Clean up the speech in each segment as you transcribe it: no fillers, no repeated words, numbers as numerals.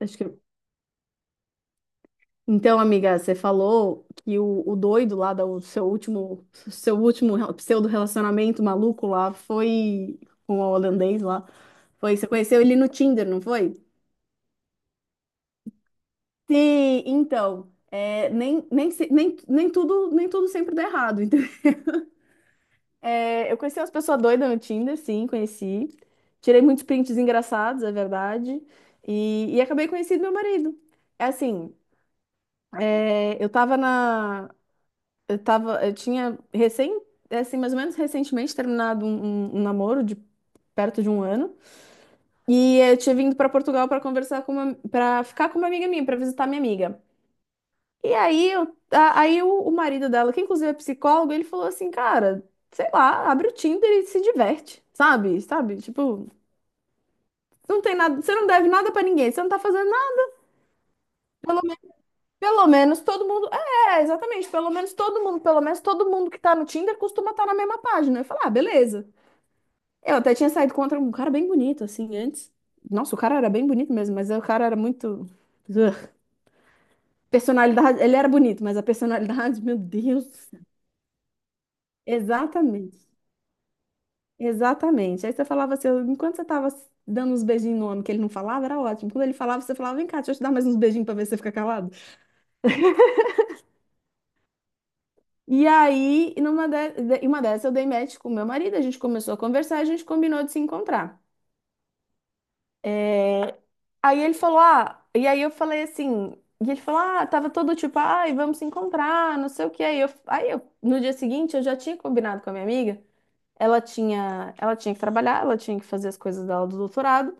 Acho que... Então, amiga, você falou que o doido lá do seu último, pseudo-relacionamento maluco lá foi com o holandês lá. Foi, você conheceu ele no Tinder, não foi? Sim, então, é, nem, nem, se- nem, nem tudo, nem tudo sempre dá errado, entendeu? É, eu conheci umas pessoas doidas no Tinder, sim, conheci. Tirei muitos prints engraçados, é verdade. E acabei conhecendo meu marido. É assim, é, eu tava na, Eu tava, eu tinha recém, é assim, mais ou menos recentemente terminado um namoro de perto de um ano. E eu tinha vindo para Portugal para ficar com uma amiga minha, para visitar minha amiga. E aí, eu, a- aí o marido dela, que inclusive é psicólogo, ele falou assim, cara, sei lá, abre o Tinder e se diverte, sabe? Sabe? Tipo, não tem nada, você não deve nada para ninguém, você não tá fazendo nada. Pelo menos, pelo menos todo mundo, é, exatamente, pelo menos todo mundo, pelo menos todo mundo que tá no Tinder costuma estar na mesma página. Eu falei, ah, beleza. Eu até tinha saído contra um cara bem bonito, assim, antes. Nossa, o cara era bem bonito mesmo, mas o cara era muito. Ugh. Personalidade. Ele era bonito, mas a personalidade, meu Deus. Exatamente. Exatamente. Aí você falava assim, enquanto você tava dando uns beijinhos no homem que ele não falava, era ótimo. Quando ele falava, você falava, vem cá, deixa eu te dar mais uns beijinhos pra ver se você fica calado. E aí, em uma dessas, eu dei match com o meu marido, a gente começou a conversar e a gente combinou de se encontrar. É, Aí ele falou, ah, e aí eu falei assim, e ele falou, ah, tava todo tipo, ai, vamos se encontrar, não sei o que. Aí eu, no dia seguinte, eu já tinha combinado com a minha amiga, ela tinha que trabalhar, ela tinha que fazer as coisas dela do doutorado,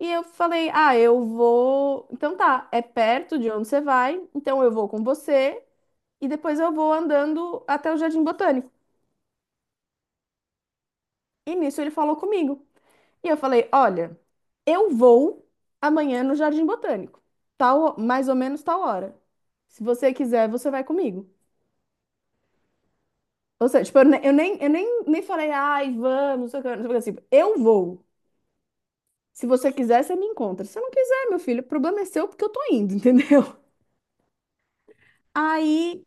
e eu falei, ah, eu vou, então tá, é perto de onde você vai, então eu vou com você, e depois eu vou andando até o Jardim Botânico. E nisso ele falou comigo. E eu falei: olha, eu vou amanhã no Jardim Botânico, tal, mais ou menos tal hora. Se você quiser, você vai comigo. Ou seja, tipo, eu nem falei, ai, vamos, não sei o que, não sei o que, assim, eu vou. Se você quiser, você me encontra. Se você não quiser, meu filho, o problema é seu porque eu tô indo, entendeu? Aí,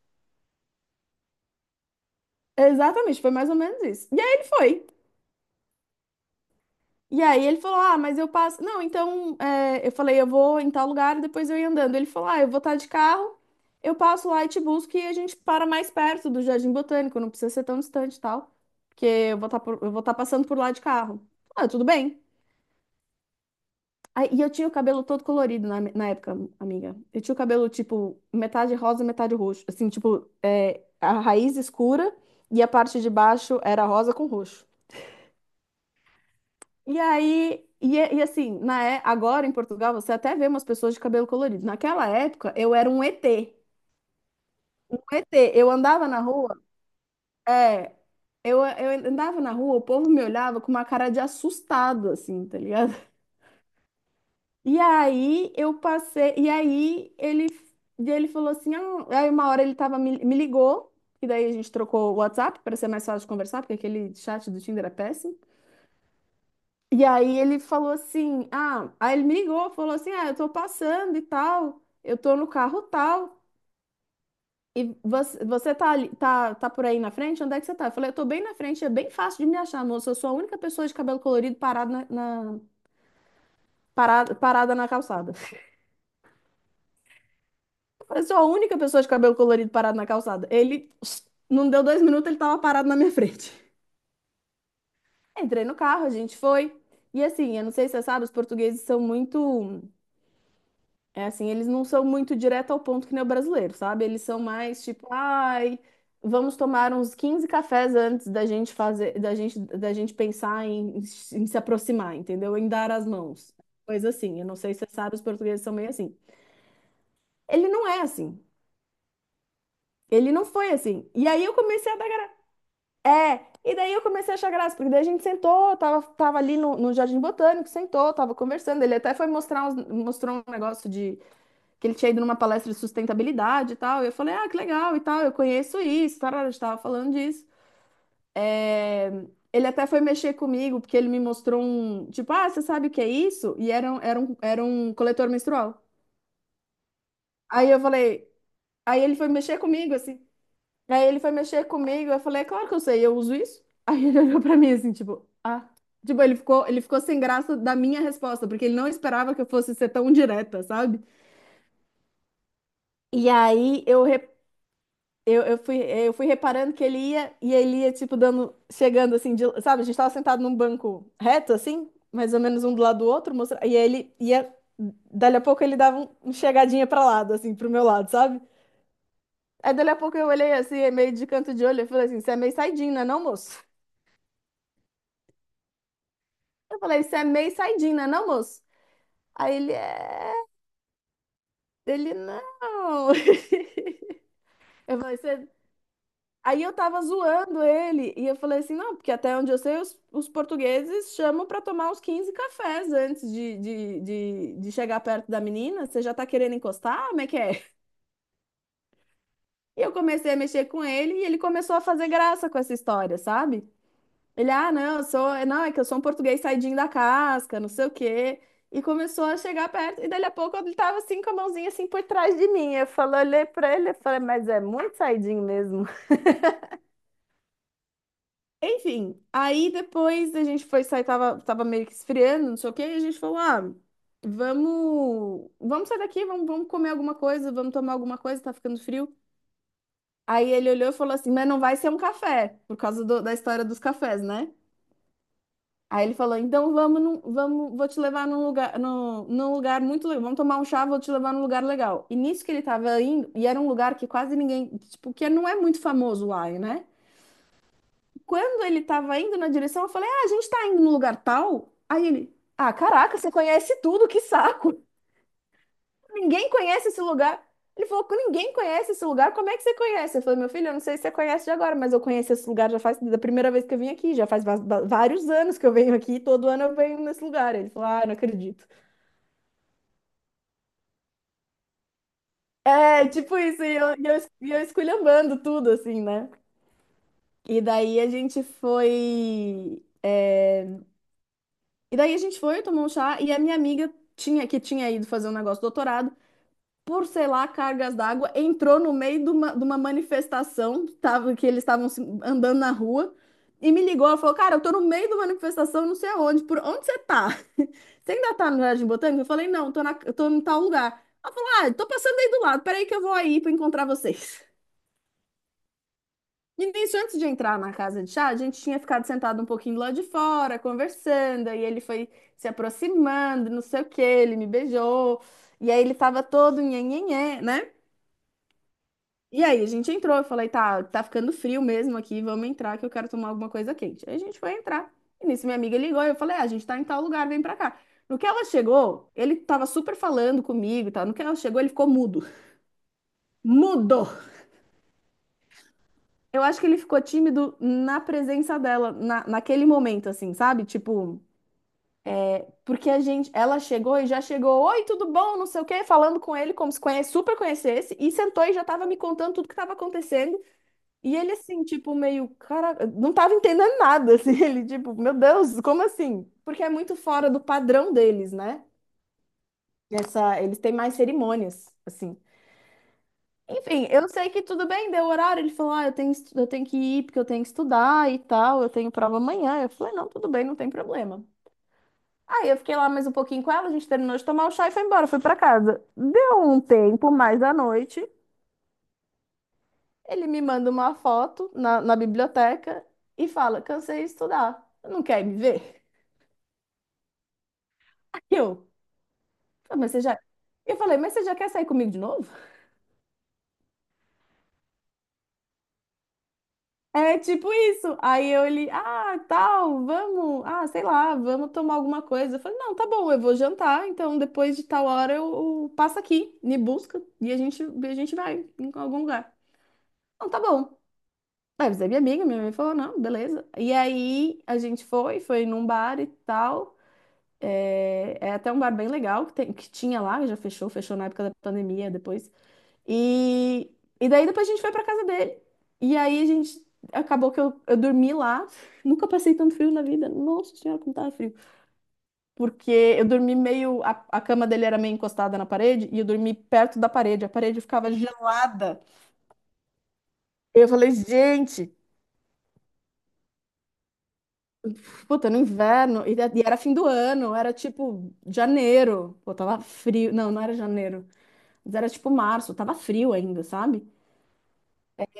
exatamente, foi mais ou menos isso. E aí ele foi. E aí ele falou: Ah, mas eu passo. Não, então é, eu falei: Eu vou em tal lugar e depois eu ia andando. Ele falou: Ah, eu vou estar de carro, eu passo lá e te busco e a gente para mais perto do Jardim Botânico, não precisa ser tão distante e tal, porque eu vou estar passando por lá de carro. Ah, tudo bem. Aí, e eu tinha o cabelo todo colorido na época, amiga. Eu tinha o cabelo tipo metade rosa, metade roxo. Assim, tipo, é, a raiz escura e a parte de baixo era rosa com roxo. E aí, e, é- e assim, na, é- Agora em Portugal você até vê umas pessoas de cabelo colorido. Naquela época eu era um ET. Um ET. Eu andava na rua, é, eu andava na rua, o povo me olhava com uma cara de assustado, assim, tá ligado? E aí eu passei, e aí ele, e ele falou assim, ah, aí uma hora ele me ligou, e daí a gente trocou o WhatsApp para ser mais fácil de conversar, porque aquele chat do Tinder é péssimo. E aí ele falou assim, ah, aí ele me ligou, falou assim, ah, eu tô passando e tal, eu tô no carro tal, e você, você tá por aí na frente? Onde é que você tá? Eu falei, eu tô bem na frente, é bem fácil de me achar, moço, eu sou a única pessoa de cabelo colorido parada na, parada na calçada. Eu falei, sou a única pessoa de cabelo colorido parada na calçada. Ele, não deu dois minutos, ele tava parado na minha frente. Entrei no carro, a gente foi, e assim, eu não sei se você sabe, os portugueses são muito... É assim, eles não são muito direto ao ponto que nem o brasileiro, sabe? Eles são mais tipo, ai, vamos tomar uns 15 cafés antes da gente fazer, da gente pensar em, em se aproximar, entendeu? Em dar as mãos. Coisa assim. Eu não sei se você sabe, os portugueses são meio assim. Ele não é assim. Ele não foi assim. E aí eu comecei a dar graça. É, e daí eu comecei a achar graça, porque daí a gente sentou, tava ali no Jardim Botânico, sentou, tava conversando. Ele até mostrou um negócio que ele tinha ido numa palestra de sustentabilidade e tal. E eu falei, ah, que legal e tal, eu conheço isso, tarara, a gente tava falando disso. É, Ele até foi mexer comigo, porque ele me mostrou um, tipo, ah, você sabe o que é isso? Era um coletor menstrual. Aí eu falei, aí ele foi mexer comigo, assim. Aí ele foi mexer comigo, eu falei, é claro que eu sei, eu uso isso. Aí ele olhou pra mim assim, tipo, ah. Tipo, ele ficou sem graça da minha resposta, porque ele não esperava que eu fosse ser tão direta, sabe? E aí eu, re- eu fui reparando que ele ia e ele ia, tipo, dando, chegando assim, de- sabe? A gente tava sentado num banco reto, assim, mais ou menos um do lado do outro, mostra, e aí ele ia, dali a pouco ele dava um chegadinha pra lado, assim, pro meu lado, sabe? Aí dali a pouco eu olhei assim, é meio de canto de olho, eu falei assim: você é meio saidinho, né, não, moço? Eu falei: você é meio saidinho, né, não, moço? Aí ele é. Ele não. Eu falei: Aí eu tava zoando ele e eu falei assim: não, porque até onde eu sei, os portugueses chamam pra tomar uns 15 cafés antes de chegar perto da menina. Você já tá querendo encostar? Como é que é? E eu comecei a mexer com ele e ele começou a fazer graça com essa história, sabe? Ele, ah, não, eu sou, não, é que eu sou um português saidinho da casca, não sei o quê. E começou a chegar perto e dali a pouco ele tava assim com a mãozinha assim por trás de mim. Eu falei, olhei pra ele e falei: mas é muito saidinho mesmo. Enfim, aí depois a gente foi sair, tava meio que esfriando, não sei o quê, e a gente falou, ah, vamos sair daqui, vamos comer alguma coisa, vamos tomar alguma coisa, tá ficando frio. Aí ele olhou e falou assim, mas não vai ser um café, por causa da história dos cafés, né? Aí ele falou, então vamos, vamos, vou te levar num lugar, num lugar muito legal, vamos tomar um chá, vou te levar num lugar legal. E nisso que ele tava indo, e era um lugar que quase ninguém, tipo, que não é muito famoso lá, né? Quando ele tava indo na direção, eu falei: Ah, a gente tá indo no lugar tal. Aí ele: Ah, caraca, você conhece tudo, que saco! Ninguém conhece esse lugar. Ele falou: Ninguém conhece esse lugar, como é que você conhece? Eu falei: Meu filho, eu não sei se você conhece de agora, mas eu conheço esse lugar já faz da primeira vez que eu vim aqui, já faz vários anos que eu venho aqui, todo ano eu venho nesse lugar. Ele falou: Ah, não acredito. É, tipo isso, e eu esculhambando tudo, assim, né? E daí a gente foi. É, E daí a gente foi, tomou um chá, e a minha amiga que tinha ido fazer um negócio de doutorado, por, sei lá, cargas d'água, entrou no meio de uma manifestação, tava, que eles estavam andando na rua, e me ligou, ela falou, cara, eu tô no meio de uma manifestação, não sei aonde, por onde você tá? Você ainda tá no Jardim Botânico? Eu falei, não, eu tô em tal lugar. Ela falou, ah, tô passando aí do lado, peraí que eu vou aí pra encontrar vocês. E nisso, antes de entrar na casa de chá, a gente tinha ficado sentado um pouquinho lá de fora, conversando, e ele foi se aproximando, não sei o quê, ele me beijou, e aí ele tava todo nhenhenhé, né? E aí a gente entrou, eu falei, tá, tá ficando frio mesmo aqui, vamos entrar que eu quero tomar alguma coisa quente. Aí a gente foi entrar, e nisso minha amiga ligou, e eu falei, ah, a gente tá em tal lugar, vem pra cá. No que ela chegou, ele tava super falando comigo e tal, no que ela chegou, ele ficou mudo. Mudo! Eu acho que ele ficou tímido na presença dela, naquele momento, assim, sabe? Tipo, porque a gente, ela chegou e já chegou, oi, tudo bom, não sei o quê, falando com ele como se conhe- super conhecesse, e sentou e já tava me contando tudo que tava acontecendo. E ele, assim, tipo, meio, cara, não tava entendendo nada, assim, ele, tipo, meu Deus, como assim? Porque é muito fora do padrão deles, né? Essa, eles têm mais cerimônias, assim. Enfim, eu sei que tudo bem, deu horário. Ele falou: ah, eu tenho que ir porque eu tenho que estudar e tal, eu tenho prova amanhã. Eu falei: não, tudo bem, não tem problema. Aí eu fiquei lá mais um pouquinho com ela, a gente terminou de tomar o chá e foi embora, foi pra casa. Deu um tempo mais da noite, ele me manda uma foto na biblioteca e fala: cansei de estudar, não quer me ver? E eu, "ah, mas você já." Eu falei: mas você já quer sair comigo de novo? É tipo isso. Aí eu ele, ah, tal, vamos, ah, sei lá, vamos tomar alguma coisa. Eu falei, não, tá bom, eu vou jantar, então depois de tal hora eu passo aqui, me busca e a gente vai em algum lugar. Não, tá bom. Aí você é minha amiga, minha mãe falou, não, beleza. E aí a gente foi, foi num bar e tal. É até um bar bem legal que, tem, que tinha lá, já fechou, fechou na época da pandemia depois. E, e daí depois a gente foi pra casa dele. E aí a gente acabou que eu dormi lá. Nunca passei tanto frio na vida. Nossa senhora, como tava frio. Porque eu dormi meio. A cama dele era meio encostada na parede e eu dormi perto da parede. A parede ficava gelada. Eu falei, gente, puta, no inverno. E era fim do ano, era tipo janeiro. Pô, tava frio. Não, não era janeiro. Mas era tipo março, tava frio ainda, sabe?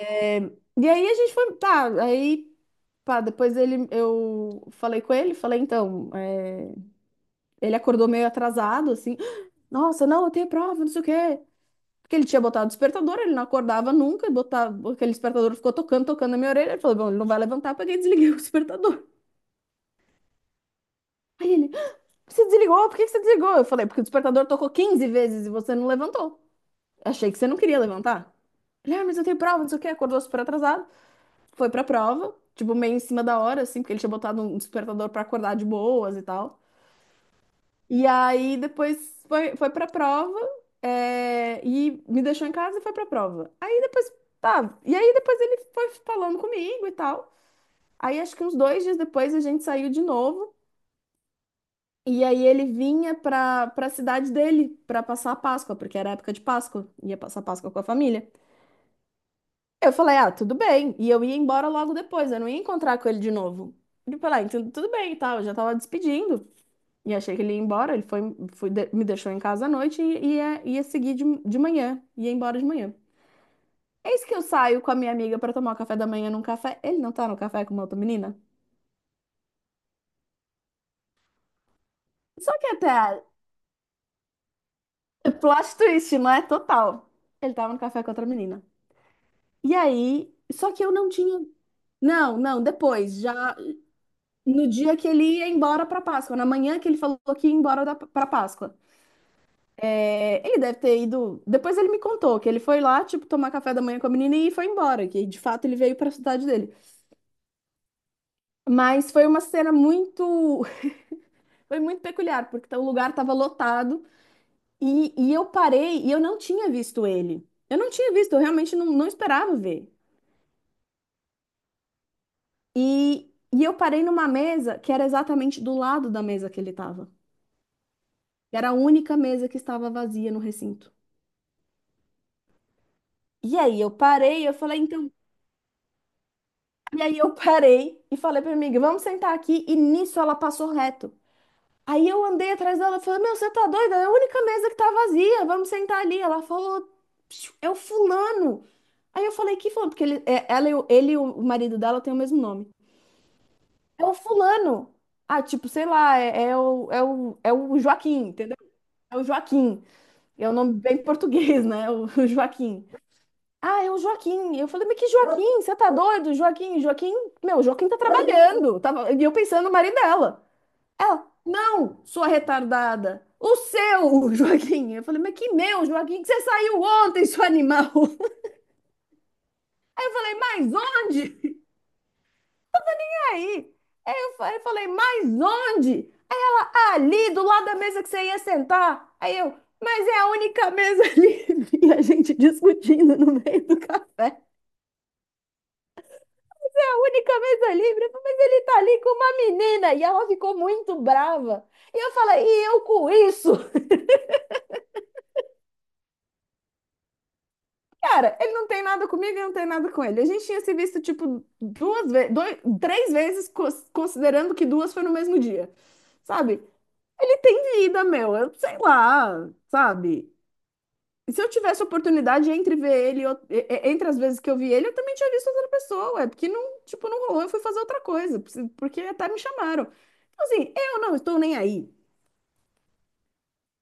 É, e aí a gente foi, tá, aí, pá, depois ele, eu falei com ele, falei, então, é, ele acordou meio atrasado, assim, nossa, não, eu tenho prova, não sei o quê. Porque ele tinha botado o despertador, ele não acordava nunca, botava, aquele despertador ficou tocando, tocando na minha orelha, ele falou, bom, ele não vai levantar, porque eu peguei e desliguei o despertador. Aí ele, você desligou, por que que você desligou? Eu falei, porque o despertador tocou 15 vezes e você não levantou. Achei que você não queria levantar. Ele, ah, mas eu tenho prova, não sei o quê, acordou super atrasado. Foi pra prova, tipo, meio em cima da hora, assim, porque ele tinha botado um despertador pra acordar de boas e tal. E aí depois foi, foi pra prova, é, e me deixou em casa e foi pra prova. Aí depois, tá, e aí depois ele foi falando comigo e tal. Aí acho que uns 2 dias depois a gente saiu de novo. E aí ele vinha pra cidade dele pra passar a Páscoa, porque era época de Páscoa, ia passar a Páscoa com a família. Eu falei, ah, tudo bem. E eu ia embora logo depois, eu não ia encontrar com ele de novo. Ele falou, ah, então tudo bem e tal, eu já tava despedindo. E achei que ele ia embora, ele foi, foi de- me deixou em casa à noite e ia seguir de manhã, ia embora de manhã. Eis que eu saio com a minha amiga pra tomar o café da manhã num café. Ele não tá no café com uma outra menina? Só que é plot twist, não é? Total. Ele tava no café com outra menina. E aí, só que eu não tinha. Não, não, depois, já. No dia que ele ia embora para Páscoa, na manhã que ele falou que ia embora para Páscoa. É, ele deve ter ido. Depois ele me contou que ele foi lá, tipo, tomar café da manhã com a menina e foi embora, que de fato ele veio para a cidade dele. Mas foi uma cena muito. Foi muito peculiar, porque o lugar estava lotado e eu parei e eu não tinha visto ele. Eu não tinha visto, eu realmente não esperava ver. E eu parei numa mesa que era exatamente do lado da mesa que ele estava. Era a única mesa que estava vazia no recinto. E aí eu parei, eu falei, então. E aí eu parei e falei pra minha amiga, vamos sentar aqui. E nisso ela passou reto. Aí eu andei atrás dela e falei, meu, você tá doida? É a única mesa que tá vazia, vamos sentar ali. Ela falou, "psiu, é o fulano." Aí eu falei, que fulano? Porque ele, ela, ele e o marido dela têm o mesmo nome. É o fulano. Ah, tipo, sei lá, é o Joaquim, entendeu? É o Joaquim. É um nome bem português, né? O Joaquim. Ah, é o Joaquim. Eu falei, mas que Joaquim? Você tá doido? Joaquim, Joaquim, meu, Joaquim tá trabalhando. Tava, e eu pensando no marido dela. Ela, não, sua retardada. O seu, Joaquim. Eu falei, mas que meu, Joaquim, que você saiu ontem, seu animal. Aí eu falei, mas onde? E aí eu falei, mas onde? Ali, do lado da mesa que você ia sentar. Aí eu, mas é a única mesa livre. E a gente discutindo no meio do café. A única mesa livre, mas ele tá ali com uma menina. E ela ficou muito brava. E eu falei, e eu com isso? Cara, ele não tem nada comigo e não tem nada com ele. A gente tinha se visto, tipo, 2 vezes, dois, 3 vezes, considerando que duas foi no mesmo dia. Sabe? Ele tem vida, meu. Eu sei lá, sabe? E se eu tivesse oportunidade entre ver ele, entre as vezes que eu vi ele, eu também tinha visto outra pessoa. É porque não, tipo, não rolou, eu fui fazer outra coisa, porque até me chamaram. Então, assim, eu não estou nem aí.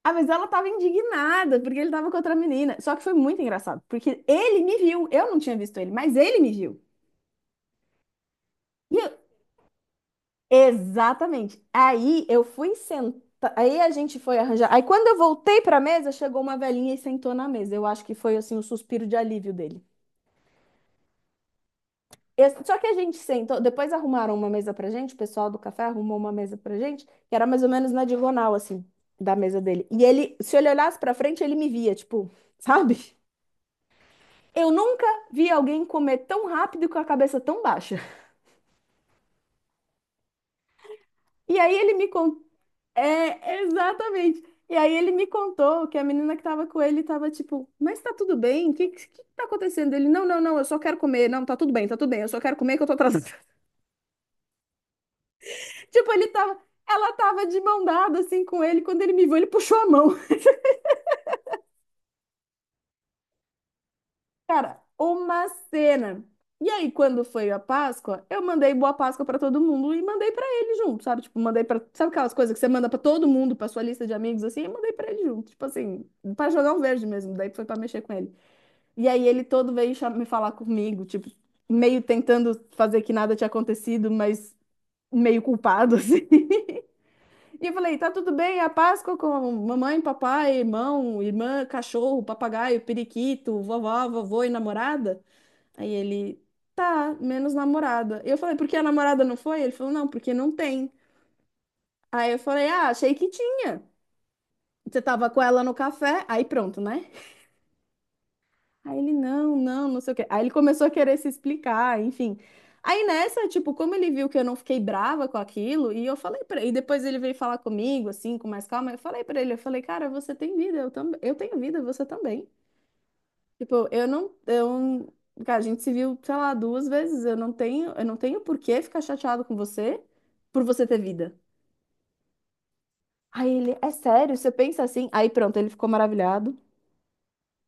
Ah, mas ela tava indignada, porque ele tava com outra menina. Só que foi muito engraçado, porque ele me viu. Eu não tinha visto ele, mas ele me viu. E eu- Exatamente. Aí eu fui sentar. Aí a gente foi arranjar. Aí quando eu voltei pra mesa, chegou uma velhinha e sentou na mesa. Eu acho que foi assim o suspiro de alívio dele. Só que a gente sentou. Depois arrumaram uma mesa pra gente, o pessoal do café arrumou uma mesa pra gente, que era mais ou menos na diagonal, assim, da mesa dele. E ele, se ele olhasse pra frente, ele me via, tipo, sabe? Eu nunca vi alguém comer tão rápido e com a cabeça tão baixa. E aí ele me contou. É, exatamente. E aí ele me contou que a menina que tava com ele tava tipo, mas tá tudo bem? O que, que tá acontecendo? Ele, não, não, não, eu só quero comer. Não, tá tudo bem, eu só quero comer que eu tô atrasada. Tipo, ele tava. Ela tava de mão dada assim com ele. Quando ele me viu, ele puxou a mão. Cara, uma cena. E aí, quando foi a Páscoa, eu mandei boa Páscoa pra todo mundo e mandei pra ele junto, sabe? Tipo, mandei pra. Sabe aquelas coisas que você manda pra todo mundo, pra sua lista de amigos assim, eu mandei pra ele junto, tipo assim, pra jogar um verde mesmo, daí foi pra mexer com ele. E aí ele todo veio me falar comigo, tipo, meio tentando fazer que nada tinha acontecido, mas meio culpado assim. E eu falei, tá tudo bem, é a Páscoa com mamãe, papai, irmão, irmã, cachorro, papagaio, periquito, vovó, vovô e namorada? Aí ele, tá, menos namorada. E eu falei, por que a namorada não foi? Ele falou, não, porque não tem. Aí eu falei, ah, achei que tinha. Você tava com ela no café? Aí pronto, né? Aí ele, não, não, não sei o quê. Aí ele começou a querer se explicar, enfim. Aí nessa, tipo, como ele viu que eu não fiquei brava com aquilo, e eu falei pra ele, e depois ele veio falar comigo, assim, com mais calma, eu falei pra ele, eu falei, cara, você tem vida, eu também, eu tenho vida, você também. Tipo, eu não, eu, cara, a gente se viu, sei lá, 2 vezes. Eu não tenho por que ficar chateado com você por você ter vida. Aí ele, é sério? Você pensa assim? Aí pronto, ele ficou maravilhado.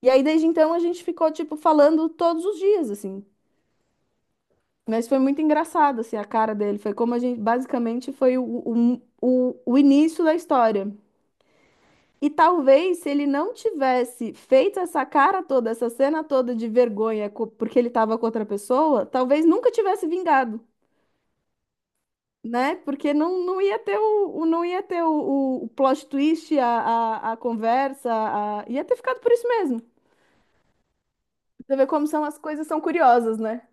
E aí desde então a gente ficou tipo falando todos os dias assim. Mas foi muito engraçado assim a cara dele, foi como a gente basicamente foi o início da história. E talvez se ele não tivesse feito essa cara toda, essa cena toda de vergonha porque ele estava com outra pessoa, talvez nunca tivesse vingado. Né? Porque não ia ter não ia ter o plot twist, a conversa, ia ter ficado por isso mesmo. Você vê como são as coisas são curiosas, né?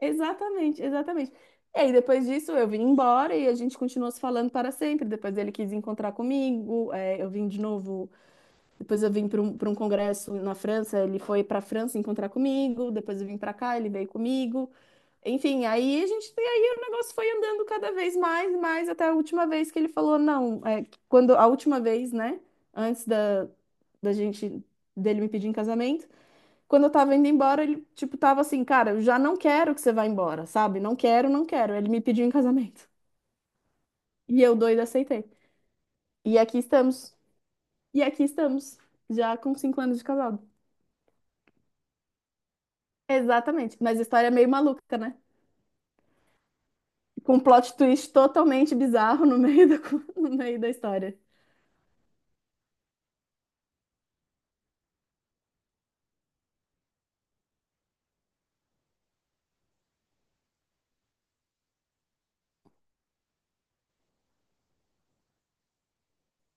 Exatamente, exatamente. E aí, depois disso, eu vim embora e a gente continuou se falando para sempre. Depois ele quis encontrar comigo, é, eu vim de novo. Depois eu vim para um congresso na França, ele foi para a França encontrar comigo. Depois eu vim para cá, ele veio comigo. Enfim, aí a gente, e aí o negócio foi andando cada vez mais, mais até a última vez que ele falou, não, é, quando a última vez, né, antes da gente dele me pedir em casamento, quando eu tava indo embora, ele tipo tava assim, cara, eu já não quero que você vá embora, sabe? Não quero, não quero. Ele me pediu em casamento. E eu doida aceitei. E aqui estamos. E aqui estamos, já com 5 anos de casado. Exatamente, mas a história é meio maluca, né? Com um plot twist totalmente bizarro no meio da história.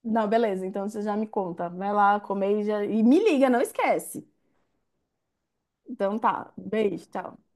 Não, beleza. Então você já me conta. Vai lá comer e, já, e me liga, não esquece. Então tá. Beijo, tchau.